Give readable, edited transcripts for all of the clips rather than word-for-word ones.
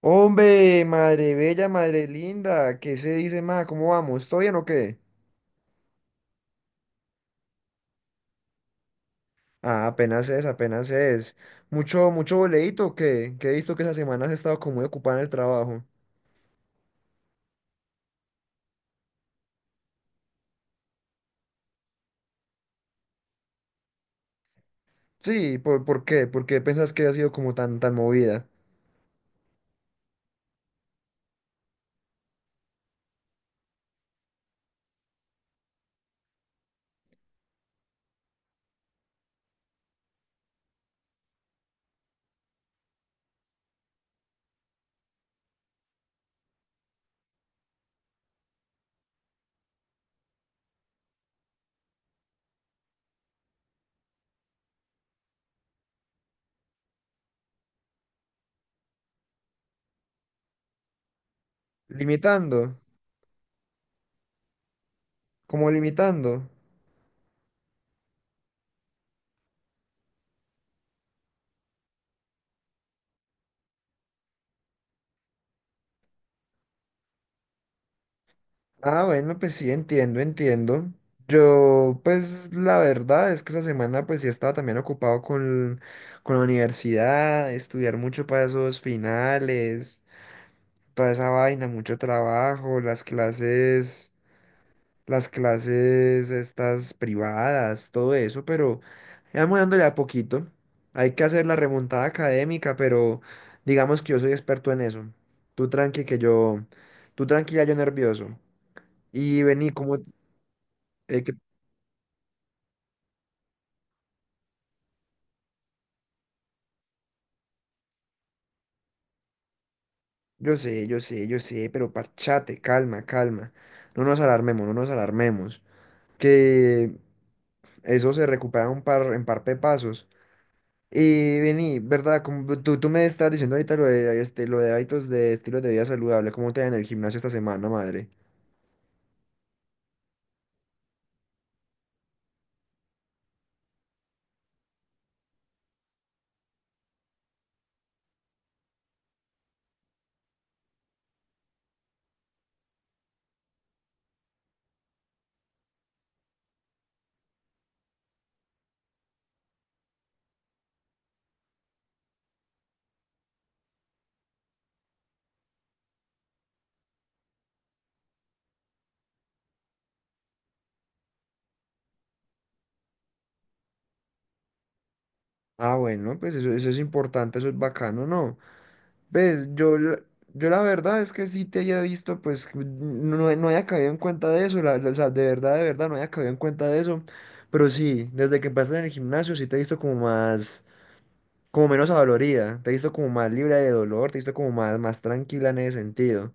Hombre, madre bella, madre linda, ¿qué se dice más? ¿Cómo vamos? ¿Todo bien o qué? Ah, apenas es, apenas es. Mucho, mucho boleíto que he visto que esa semana has estado como muy ocupada en el trabajo. Sí, ¿¿por qué? ¿Por qué pensás que ha sido como tan movida? Limitando, como limitando. Ah, bueno, pues sí, entiendo, entiendo. Yo, pues la verdad es que esa semana pues sí estaba también ocupado con la universidad, estudiar mucho para esos finales. Toda esa vaina, mucho trabajo, las clases estas privadas, todo eso, pero ya vamos dándole a poquito. Hay que hacer la remontada académica, pero digamos que yo soy experto en eso. Tú tranqui que yo, tú tranquila, yo nervioso. Y vení como, eh, que- yo sé, yo sé, yo sé, pero parchate, calma, calma. No nos alarmemos, no nos alarmemos. Que eso se recupera un par, en par de pasos. Y vení, ¿verdad? Como tú me estás diciendo ahorita lo de, este, lo de hábitos de estilo de vida saludable, ¿cómo te va en el gimnasio esta semana, madre? Ah, bueno, pues eso es importante, eso es bacano, ¿no? Ves, yo, la- yo la verdad es que sí te había visto, pues no, no había caído en cuenta de eso, o sea, de verdad, no había caído en cuenta de eso, pero sí, desde que empezaste en el gimnasio sí te he visto como más, como menos adolorida, te he visto como más libre de dolor, te he visto como más, más tranquila en ese sentido.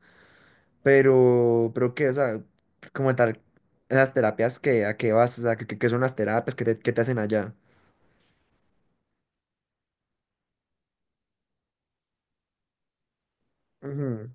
Pero qué, o sea, como tal, las terapias que, ¿a qué vas? O sea, ¿qué, qué son las terapias? Qué te hacen allá? Ujú.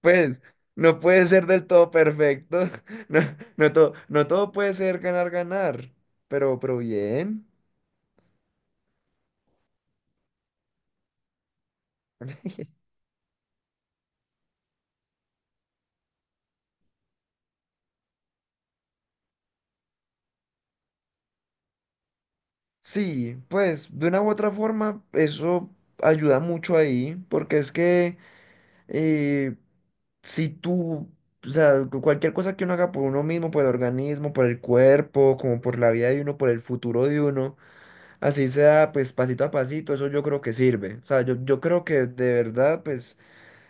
Pues, no puede ser del todo perfecto. No, no todo, no todo puede ser ganar, ganar. Pero bien. Sí, pues de una u otra forma eso ayuda mucho ahí, porque es que, eh, si tú, o sea, cualquier cosa que uno haga por uno mismo, por el organismo, por el cuerpo, como por la vida de uno, por el futuro de uno, así sea, pues pasito a pasito, eso yo creo que sirve. O sea, yo creo que de verdad, pues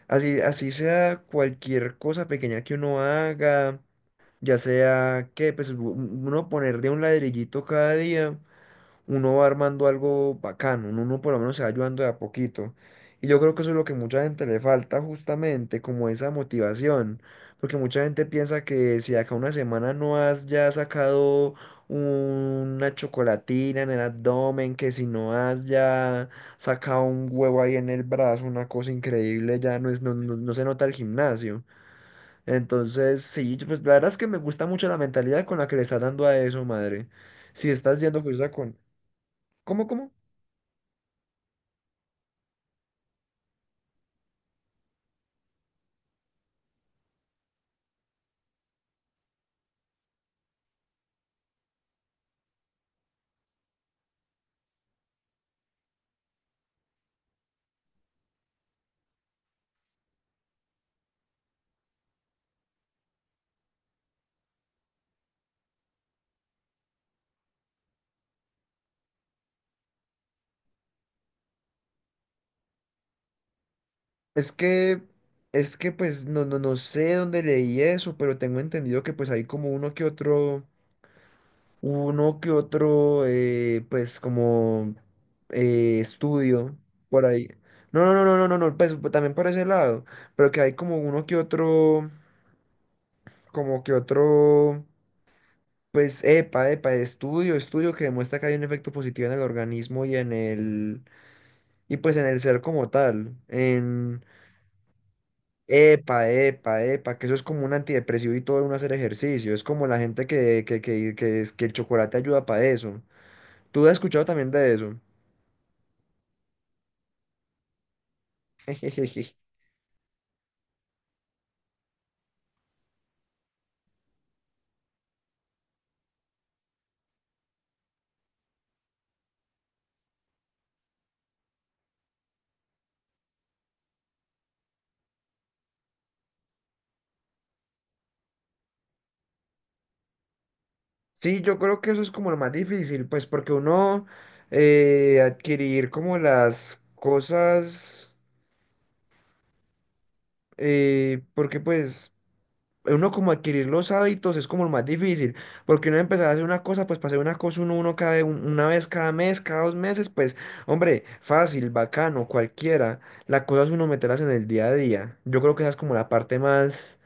así, así sea cualquier cosa pequeña que uno haga, ya sea que, pues uno poner de un ladrillito cada día uno va armando algo bacano, uno, uno por lo menos se va ayudando de a poquito. Y yo creo que eso es lo que mucha gente le falta justamente, como esa motivación, porque mucha gente piensa que si de acá a una semana no has ya sacado una chocolatina en el abdomen, que si no has ya sacado un huevo ahí en el brazo, una cosa increíble, ya no es, no, no se nota el gimnasio. Entonces, sí, yo, pues la verdad es que me gusta mucho la mentalidad con la que le estás dando a eso, madre. Si estás yendo juiciosa con, ¿cómo, cómo? Es que, es que pues no, no, no sé dónde leí eso, pero tengo entendido que pues hay como uno que otro, pues como estudio por ahí. No, no, no, no, no, no, no, pues también por ese lado, pero que hay como uno que otro, como que otro, pues epa, epa, estudio, estudio que demuestra que hay un efecto positivo en el organismo y en el, y pues en el ser como tal, en... Epa, epa, epa, que eso es como un antidepresivo y todo uno hacer ejercicio. Es como la gente que, que el chocolate ayuda para eso. ¿Tú has escuchado también de eso? Sí, yo creo que eso es como lo más difícil, pues porque uno adquirir como las cosas, porque pues uno como adquirir los hábitos es como lo más difícil, porque uno empezar a hacer una cosa, pues para hacer una cosa uno, uno cada, una vez cada mes, cada dos meses, pues hombre, fácil, bacano, cualquiera. La cosa es uno meterlas en el día a día. Yo creo que esa es como la parte más,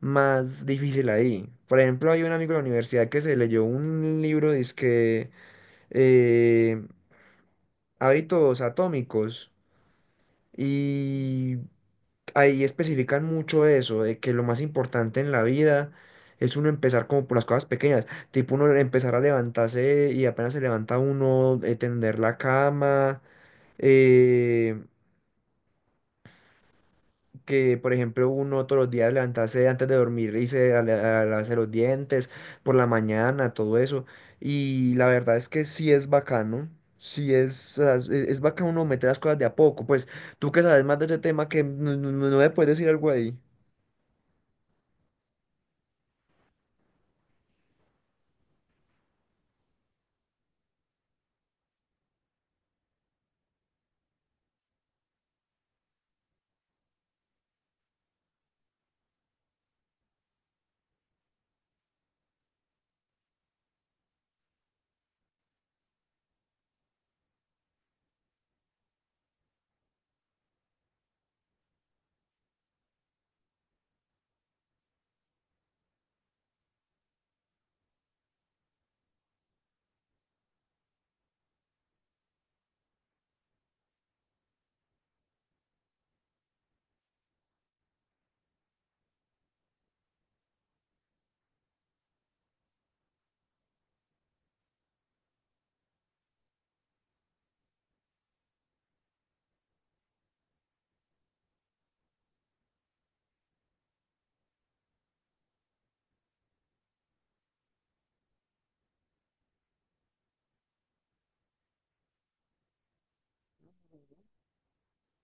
más difícil ahí. Por ejemplo, hay un amigo de la universidad que se leyó un libro, dizque eh, Hábitos Atómicos. Y ahí especifican mucho eso, de que lo más importante en la vida es uno empezar como por las cosas pequeñas, tipo uno empezar a levantarse y apenas se levanta uno, tender la cama, eh, que por ejemplo uno todos los días levantarse antes de dormir y se a lavarse los dientes por la mañana, todo eso. Y la verdad es que sí es bacano, sí es, o sea, es bacano uno meter las cosas de a poco, pues tú que sabes más de ese tema que no, no me puedes decir algo ahí.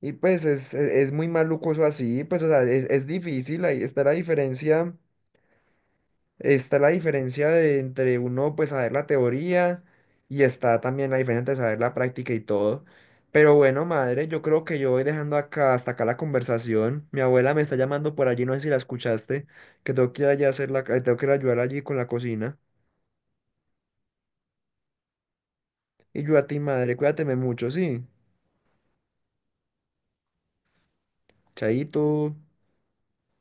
Y pues es, es muy maluco eso así, pues o sea, es difícil, ahí está la diferencia de entre uno pues saber la teoría y está también la diferencia entre saber la práctica y todo. Pero bueno, madre, yo creo que yo voy dejando acá hasta acá la conversación. Mi abuela me está llamando por allí, no sé si la escuchaste, que tengo que ir allá a hacer la, tengo que ir a ayudar allí con la cocina. Y yo a ti, madre, cuídateme mucho, sí. Chaito.